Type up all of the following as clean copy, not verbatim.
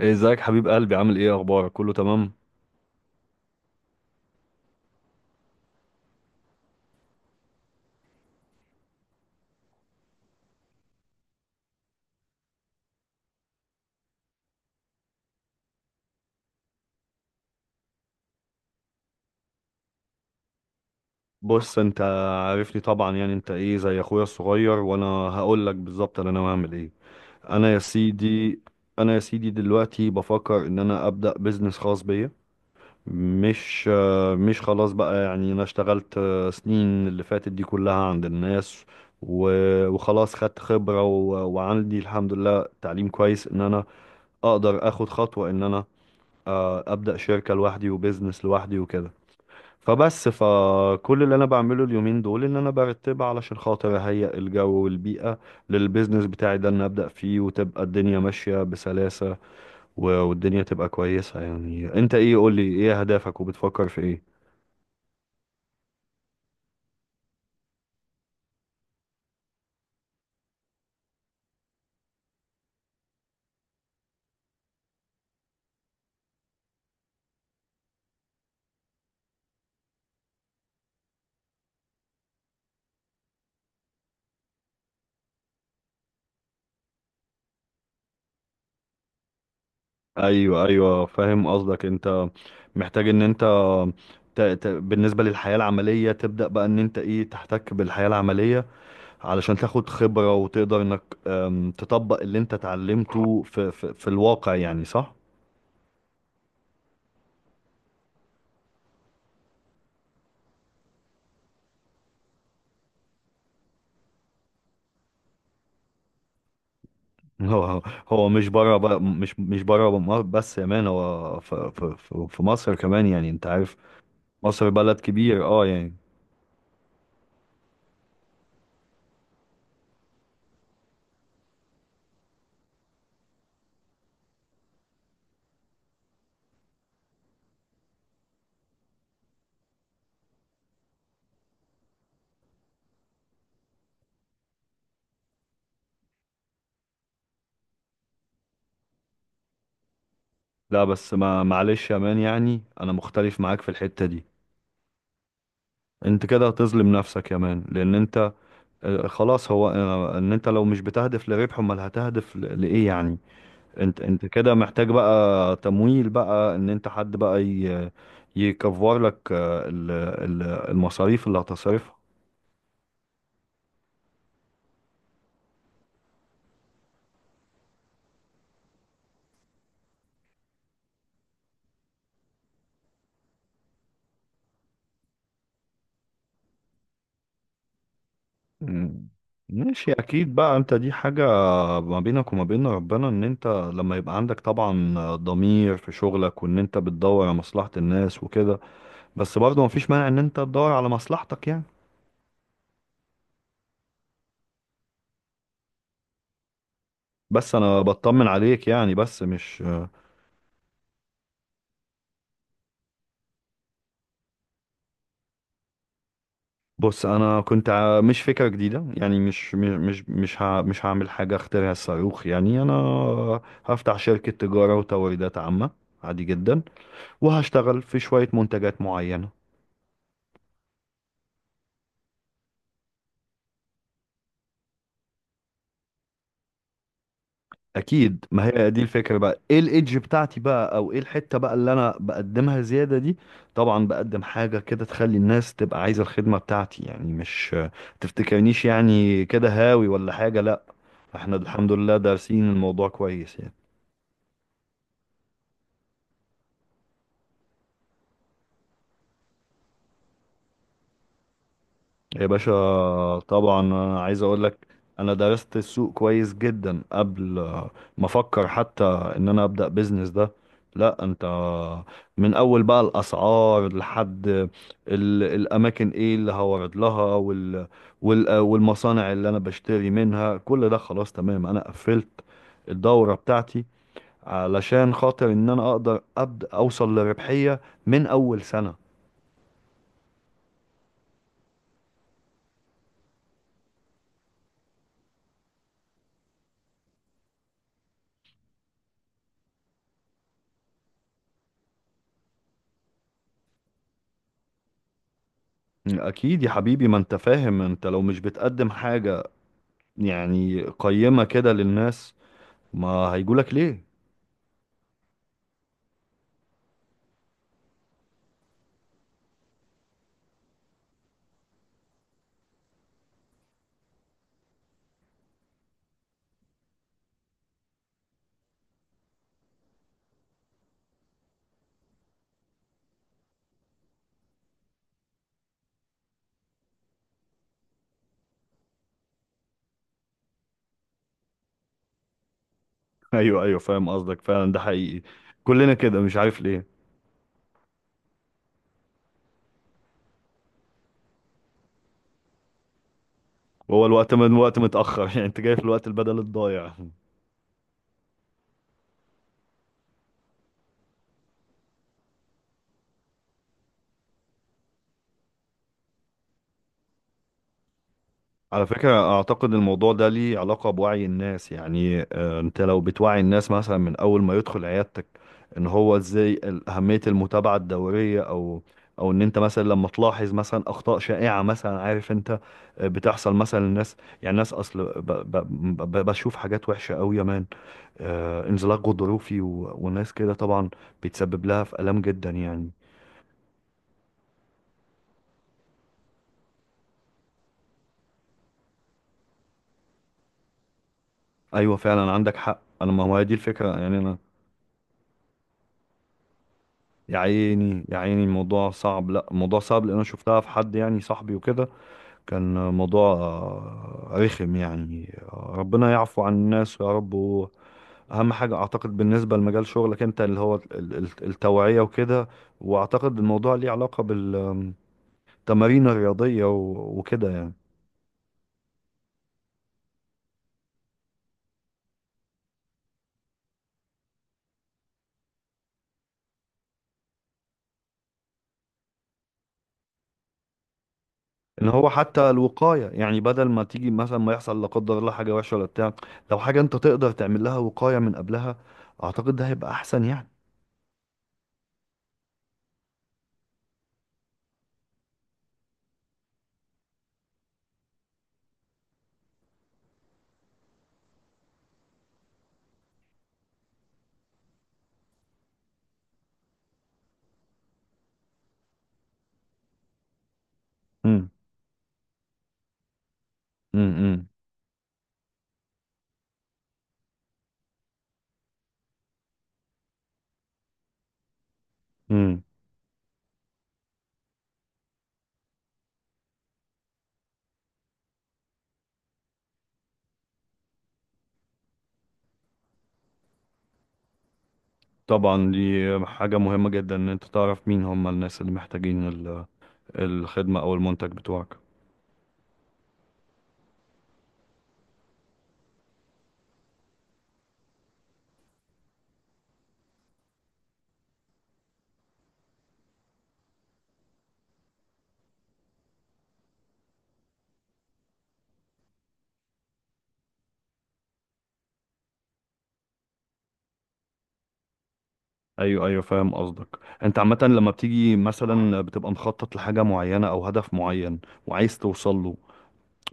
ازيك حبيب قلبي، عامل ايه؟ اخبارك؟ كله تمام. بص انت، عارفني طبعا، يعني انت ايه، زي اخويا الصغير، وانا هقول لك بالظبط انا ناوي اعمل ايه. انا يا سيدي انا يا سيدي دلوقتي بفكر ان انا ابدا بزنس خاص بيا. مش خلاص بقى، يعني انا اشتغلت سنين اللي فاتت دي كلها عند الناس. وخلاص خدت خبرة، وعندي الحمد لله تعليم كويس ان انا اقدر اخد خطوة ان انا ابدا شركة لوحدي وبزنس لوحدي وكده. فبس، فكل اللي انا بعمله اليومين دول ان انا برتبها علشان خاطر اهيئ الجو والبيئة للبيزنس بتاعي ده ان ابدأ فيه وتبقى الدنيا ماشية بسلاسة، والدنيا تبقى كويسة. يعني انت ايه، قولي ايه اهدافك وبتفكر في ايه؟ ايوه، ايوه، فاهم قصدك. انت محتاج ان انت بالنسبة للحياة العملية تبدأ بقى ان انت ايه تحتك بالحياة العملية علشان تاخد خبرة، وتقدر انك تطبق اللي انت اتعلمته في الواقع، يعني صح. هو هو مش بره بقى، مش بره مصر بس يا مان، هو في مصر كمان، يعني انت عارف. مصر بلد كبير، اه، يعني. لا بس، ما معلش يا مان، يعني انا مختلف معاك في الحتة دي. انت كده هتظلم نفسك يا مان، لان انت خلاص، هو ان انت لو مش بتهدف لربح، امال هتهدف لايه يعني؟ انت كده محتاج بقى تمويل بقى، ان انت حد بقى يكفر لك المصاريف اللي هتصرفها. مم. ماشي، اكيد بقى، انت دي حاجة ما بينك وما بين ربنا، ان انت لما يبقى عندك طبعا ضمير في شغلك، وان انت بتدور على مصلحة الناس وكده، بس برضه ما فيش مانع ان انت تدور على مصلحتك يعني. بس انا بطمن عليك يعني، بس مش. بص انا كنت مش فكرة جديدة، يعني مش هعمل حاجة اخترع الصاروخ يعني. انا هفتح شركة تجارة وتوريدات عامة، عادي جدا، وهشتغل في شوية منتجات معينة. اكيد، ما هي دي الفكره بقى، ايه الايدج بتاعتي بقى، او ايه الحته بقى اللي انا بقدمها زياده دي. طبعا بقدم حاجه كده تخلي الناس تبقى عايزه الخدمه بتاعتي، يعني مش تفتكرنيش يعني كده هاوي ولا حاجه، لا. احنا الحمد لله دارسين الموضوع كويس يعني. يا باشا، طبعا انا عايز اقول لك، انا درست السوق كويس جدا قبل ما افكر حتى ان انا ابدا بيزنس ده. لا انت، من اول بقى الاسعار لحد الاماكن، ايه اللي هورد لها، والمصانع اللي انا بشتري منها، كل ده خلاص تمام، انا قفلت الدورة بتاعتي علشان خاطر ان انا اقدر ابدا اوصل لربحية من اول سنة. اكيد يا حبيبي، ما انت فاهم، انت لو مش بتقدم حاجة يعني قيمة كده للناس، ما هيجولك ليه. ايوه، ايوه، فاهم قصدك، فعلا ده حقيقي. كلنا كده، مش عارف ليه. هو الوقت من وقت متأخر، يعني انت جاي في الوقت البدل الضايع. على فكرة، أعتقد الموضوع ده ليه علاقة بوعي الناس، يعني أنت لو بتوعي الناس مثلا من أول ما يدخل عيادتك، إن هو إزاي أهمية المتابعة الدورية، أو إن أنت مثلا لما تلاحظ مثلا أخطاء شائعة مثلا، عارف أنت بتحصل مثلا للناس. يعني الناس أصل بشوف حاجات وحشة أوي يا مان. انزلاق غضروفي، وناس كده طبعا بيتسبب لها في آلام جدا يعني. أيوة، فعلا عندك حق. أنا، ما هو هي دي الفكرة يعني، أنا. يا عيني، يا عيني، الموضوع صعب، لا الموضوع صعب، لان انا شفتها في حد يعني صاحبي وكده، كان موضوع رخم يعني، ربنا يعفو عن الناس يا رب. واهم حاجه، اعتقد بالنسبه لمجال شغلك انت اللي هو التوعيه وكده، واعتقد الموضوع ليه علاقه بالتمارين الرياضيه، وكده يعني. ان هو حتى الوقايه، يعني بدل ما تيجي مثلا ما يحصل لا قدر الله حاجه وحشه ولا بتاع، لو حاجه انت تقدر تعمل لها وقايه من قبلها، اعتقد ده هيبقى احسن يعني. امم. امم، امم. امم. طبعا دي حاجة مهمة جدا، ان انت تعرف مين هم الناس اللي محتاجين الخدمة او المنتج بتوعك. ايوه، ايوه، فاهم قصدك. انت عامة لما بتيجي مثلا بتبقى مخطط لحاجة معينة او هدف معين وعايز توصل له،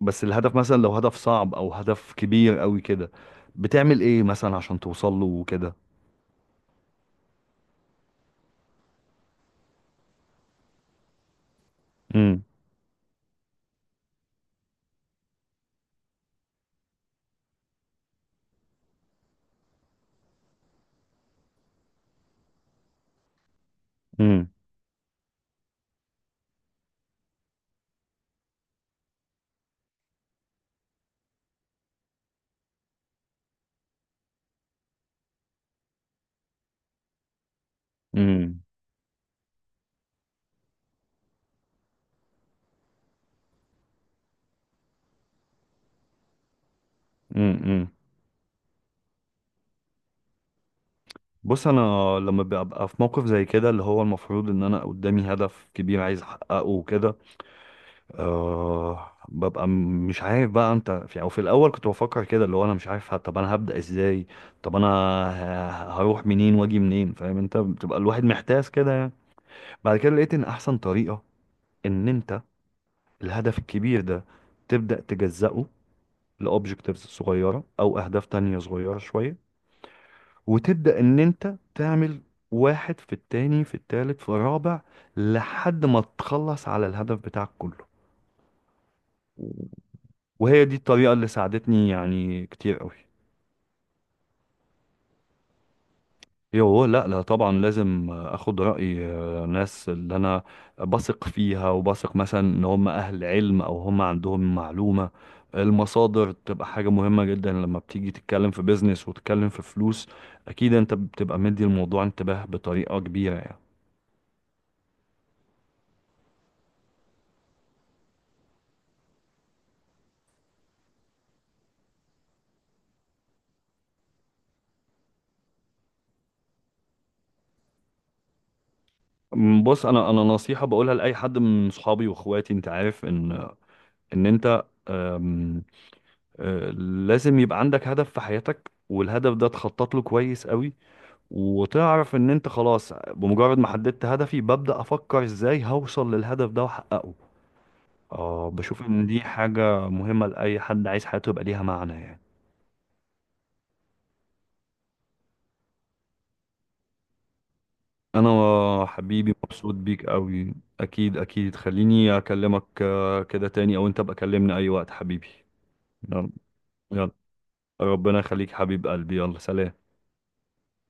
بس الهدف مثلا لو هدف صعب او هدف كبير قوي كده، بتعمل ايه مثلا عشان توصل له وكده؟ امم، امم، امم، امم. بص، انا لما ببقى في موقف زي كده، اللي هو المفروض ان انا قدامي هدف كبير عايز احققه وكده، أه ببقى مش عارف بقى، انت في او في الاول كنت بفكر كده، اللي هو انا مش عارف طب انا هبدأ ازاي؟ طب انا هروح منين واجي منين، فاهم انت، بتبقى الواحد محتاس كده يعني. بعد كده لقيت ان احسن طريقة ان انت الهدف الكبير ده تبدأ تجزأه لأوبجكتيفز صغيرة او اهداف تانية صغيرة شوية، وتبدأ ان انت تعمل واحد في التاني في التالت في الرابع لحد ما تخلص على الهدف بتاعك كله. وهي دي الطريقة اللي ساعدتني يعني كتير قوي. ايوه، لا، لا، طبعا لازم اخد رأي ناس اللي انا بثق فيها، وبثق مثلا ان هم اهل علم او هم عندهم معلومة. المصادر بتبقى حاجة مهمة جدا لما بتيجي تتكلم في بيزنس وتتكلم في فلوس، اكيد انت بتبقى مدي الموضوع انتباه بطريقة كبيرة يعني. بص، انا نصيحة بقولها لاي حد من صحابي واخواتي. انت عارف ان انت أم، آه، لازم يبقى عندك هدف في حياتك، والهدف ده تخطط له كويس قوي، وتعرف ان انت خلاص بمجرد ما حددت هدفي ببدأ افكر ازاي هوصل للهدف ده واحققه. اه، بشوف ان دي حاجة مهمة لأي حد عايز حياته يبقى ليها معنى يعني. انا حبيبي مبسوط بيك قوي. اكيد، اكيد، خليني اكلمك كده تاني، او انت بقى كلمني اي وقت حبيبي. يلا، يلا، ربنا يخليك حبيب قلبي، يلا سلام.